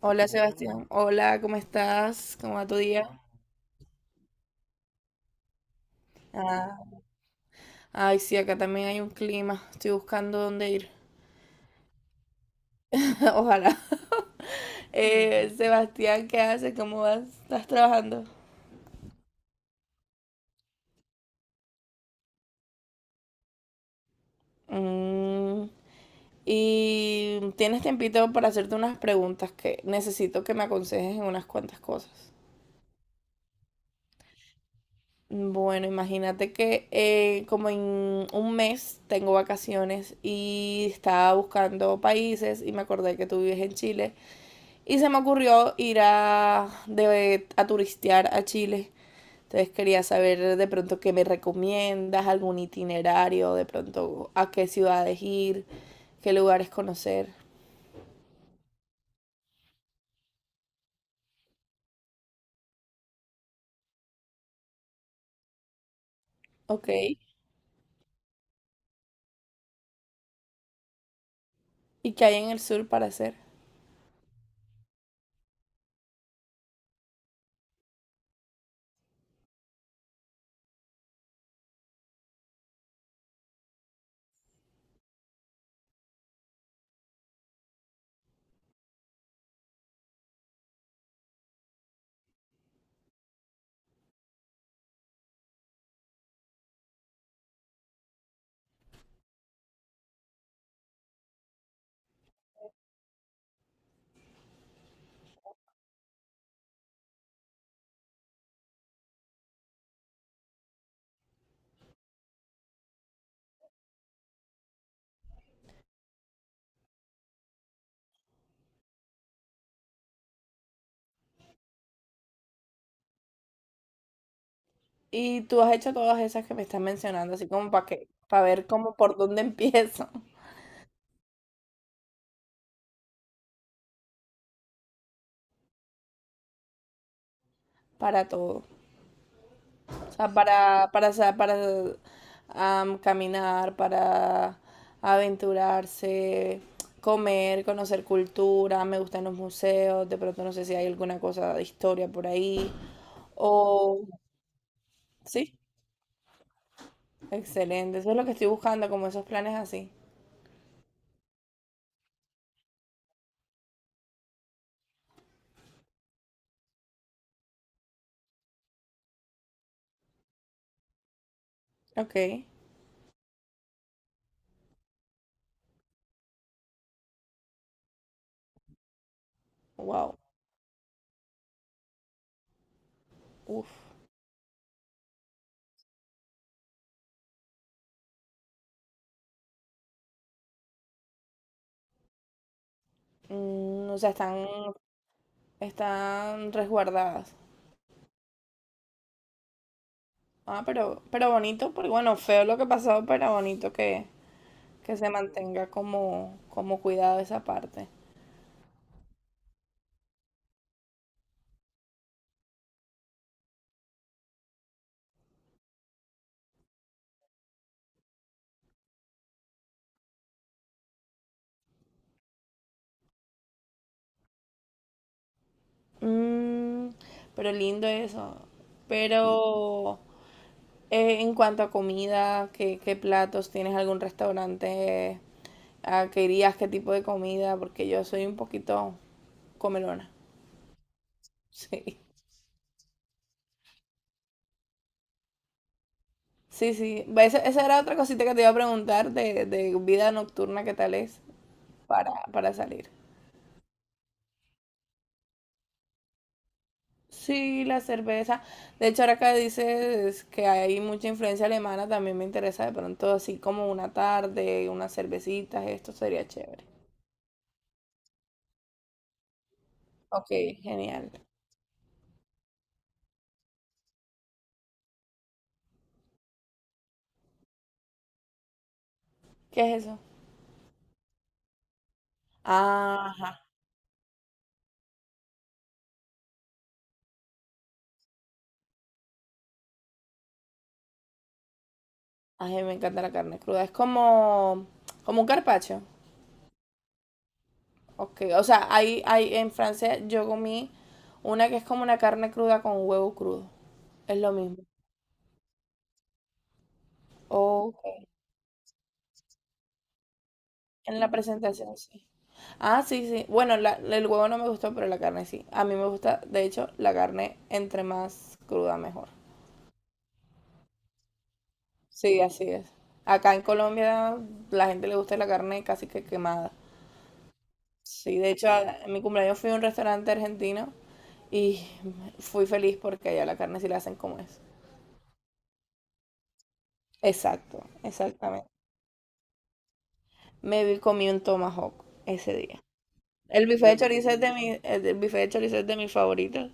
Hola Sebastián, hola, ¿cómo estás? ¿Cómo va tu día? Ah, ay, sí, acá también hay un clima. Estoy buscando dónde ir. Ojalá. Sebastián, ¿qué haces? ¿Cómo vas? ¿Estás trabajando? Mm, y tienes tiempito para hacerte unas preguntas que necesito que me aconsejes en unas cuantas cosas. Bueno, imagínate que como en un mes tengo vacaciones y estaba buscando países y me acordé que tú vives en Chile. Y se me ocurrió ir a turistear a Chile. Entonces quería saber de pronto qué me recomiendas, algún itinerario, de pronto a qué ciudades ir, qué lugares conocer. Ok. ¿Y qué hay en el sur para hacer? Y tú has hecho todas esas que me estás mencionando, así como para que, para ver cómo por dónde empiezo. Para todo. O sea, para caminar, para aventurarse, comer, conocer cultura. Me gustan los museos. De pronto no sé si hay alguna cosa de historia por ahí. O... Sí, excelente. Eso es lo que estoy buscando, como esos planes así. Ok, wow. Uf. O sea, están resguardadas. Ah, pero bonito, porque bueno, feo lo que pasó, pero bonito que se mantenga como cuidado esa parte. Mm, pero lindo eso. Pero en cuanto a comida, ¿qué platos? ¿Tienes algún restaurante a que irías? ¿Qué tipo de comida? Porque yo soy un poquito comelona. Sí. Sí, sí. Va, esa era otra cosita que te iba a preguntar de vida nocturna, ¿qué tal es para salir? Sí, la cerveza. De hecho, ahora que dices que hay mucha influencia alemana, también me interesa de pronto así como una tarde, unas cervecitas, esto sería chévere. Ok, genial. ¿Qué es eso? Ajá. Ay, me encanta la carne cruda. Es como un carpaccio. Ok, o sea, hay, en Francia yo comí una que es como una carne cruda con huevo crudo. Es lo mismo. Ok, en la presentación sí. Ah, sí, sí. Bueno, el huevo no me gustó, pero la carne sí. A mí me gusta, de hecho, la carne entre más cruda mejor. Sí, así es. Acá en Colombia la gente le gusta la carne casi que quemada. Sí, de hecho, en mi cumpleaños fui a un restaurante argentino y fui feliz porque allá la carne sí la hacen como es. Exacto, exactamente. Comí un tomahawk ese día. El bife de chorizo es de mi, el bife de chorizo es de mis favoritos,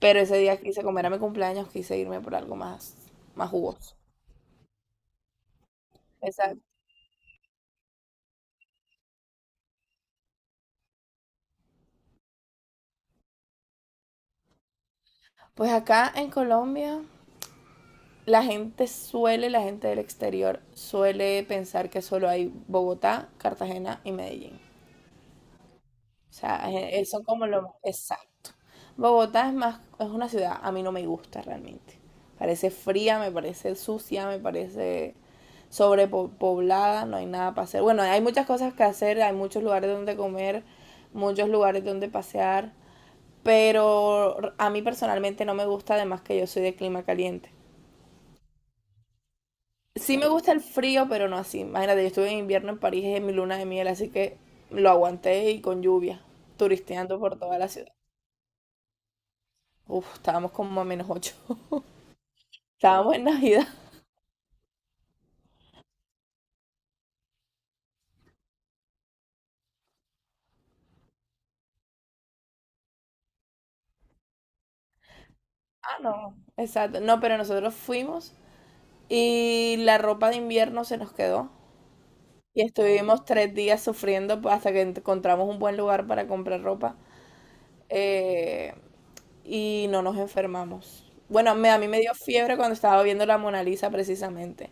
pero ese día quise comer a mi cumpleaños, quise irme por algo más jugoso. Exacto. Pues acá en Colombia, la gente del exterior suele pensar que solo hay Bogotá, Cartagena y Medellín. O sea, son como lo exacto. Bogotá es una ciudad, a mí no me gusta realmente. Parece fría, me parece sucia, me parece sobrepoblada, no hay nada para hacer. Bueno, hay muchas cosas que hacer, hay muchos lugares donde comer, muchos lugares donde pasear, pero a mí personalmente no me gusta, además que yo soy de clima caliente. Sí me gusta el frío, pero no así. Imagínate, yo estuve en invierno en París en mi luna de miel, así que lo aguanté y con lluvia, turisteando por toda la ciudad. Uf, estábamos como a -8. Estábamos en Navidad. Ah, no. Exacto. No, pero nosotros fuimos y la ropa de invierno se nos quedó. Y estuvimos 3 días sufriendo pues, hasta que encontramos un buen lugar para comprar ropa. eh, y no nos enfermamos. Bueno, a mí me dio fiebre cuando estaba viendo la Mona Lisa precisamente.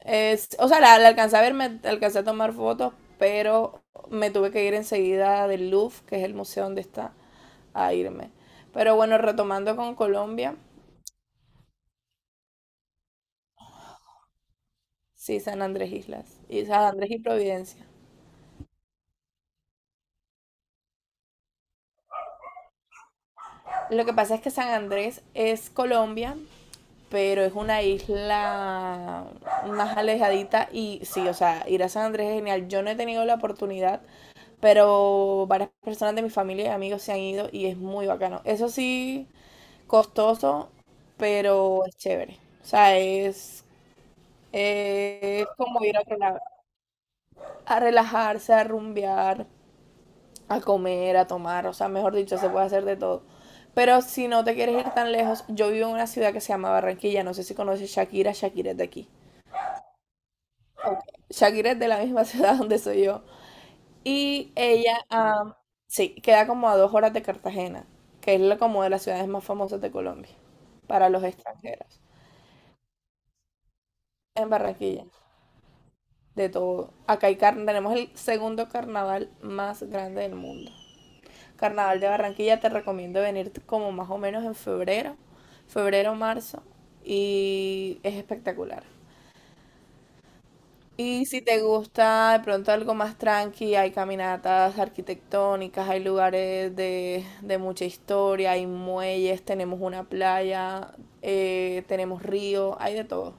Es, o sea, la alcancé a ver, me alcancé a tomar fotos, pero me tuve que ir enseguida del Louvre, que es el museo donde está, a irme. Pero bueno, retomando con Colombia, sí, San Andrés Islas, y San Andrés y Providencia. Lo que pasa es que San Andrés es Colombia, pero es una isla más alejadita y sí, o sea, ir a San Andrés es genial. Yo no he tenido la oportunidad, pero varias personas de mi familia y amigos se han ido y es muy bacano. Eso sí, costoso, pero es chévere. O sea, es como ir a otro lado, a relajarse, a rumbear, a comer, a tomar. O sea, mejor dicho, se puede hacer de todo. Pero si no te quieres ir tan lejos, yo vivo en una ciudad que se llama Barranquilla. No sé si conoces Shakira. Shakira es de aquí. Shakira es de la misma ciudad donde soy yo. Y ella, sí, queda como a 2 horas de Cartagena, que es como de las ciudades más famosas de Colombia, para los extranjeros, en Barranquilla. De todo. Acá tenemos el segundo carnaval más grande del mundo. Carnaval de Barranquilla, te recomiendo venir como más o menos en febrero, febrero, marzo, y es espectacular. Y si te gusta de pronto algo más tranqui, hay caminatas arquitectónicas, hay lugares de mucha historia, hay muelles, tenemos una playa, tenemos río, hay de todo,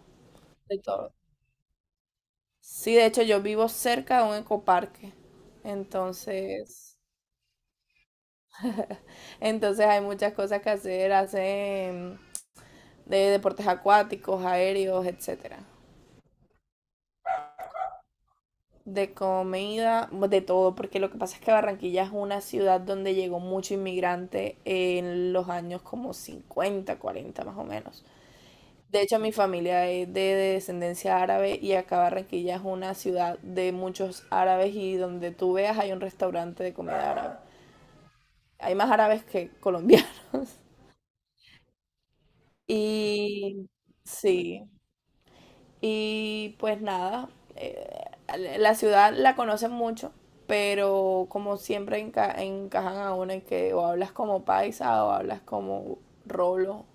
de todo. Sí, de hecho yo vivo cerca de un ecoparque, entonces, entonces hay muchas cosas que hacer, hacen de deportes acuáticos, aéreos, etcétera. De comida, de todo, porque lo que pasa es que Barranquilla es una ciudad donde llegó mucho inmigrante en los años como 50, 40 más o menos. De hecho, mi familia es de descendencia árabe y acá Barranquilla es una ciudad de muchos árabes y donde tú veas hay un restaurante de comida árabe. Hay más árabes que colombianos. Y sí, y pues nada, eh, la ciudad la conocen mucho, pero como siempre encajan a uno en que o hablas como paisa o hablas como rolo,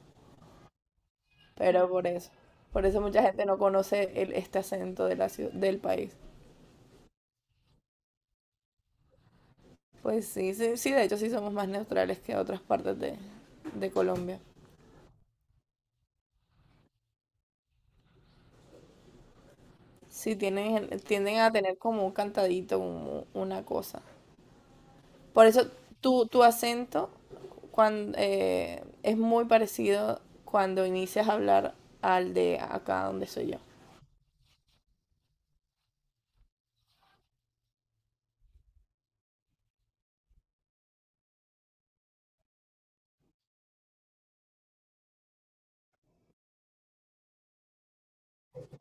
pero por eso mucha gente no conoce este acento de la del país. Pues sí, sí, sí, de hecho sí somos más neutrales que otras partes de Colombia. Sí, tienden a tener como un cantadito, una cosa. Por eso tu acento es muy parecido cuando inicias a hablar al de acá donde soy yo.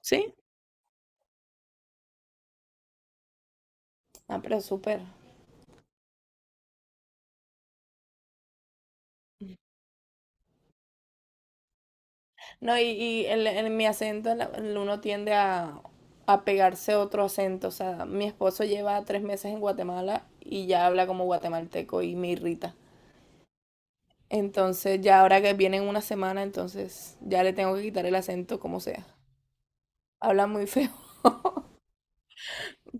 ¿Sí? Ah, pero súper. No, y en mi acento uno tiende a pegarse a otro acento. O sea, mi esposo lleva 3 meses en Guatemala y ya habla como guatemalteco y me irrita. Entonces, ya ahora que viene en una semana, entonces ya le tengo que quitar el acento como sea. Habla muy feo.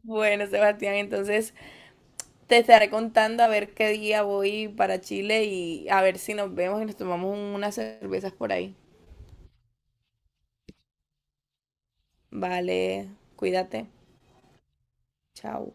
Bueno, Sebastián, entonces te estaré contando a ver qué día voy para Chile y a ver si nos vemos y nos tomamos unas cervezas por ahí. Vale, cuídate. Chao.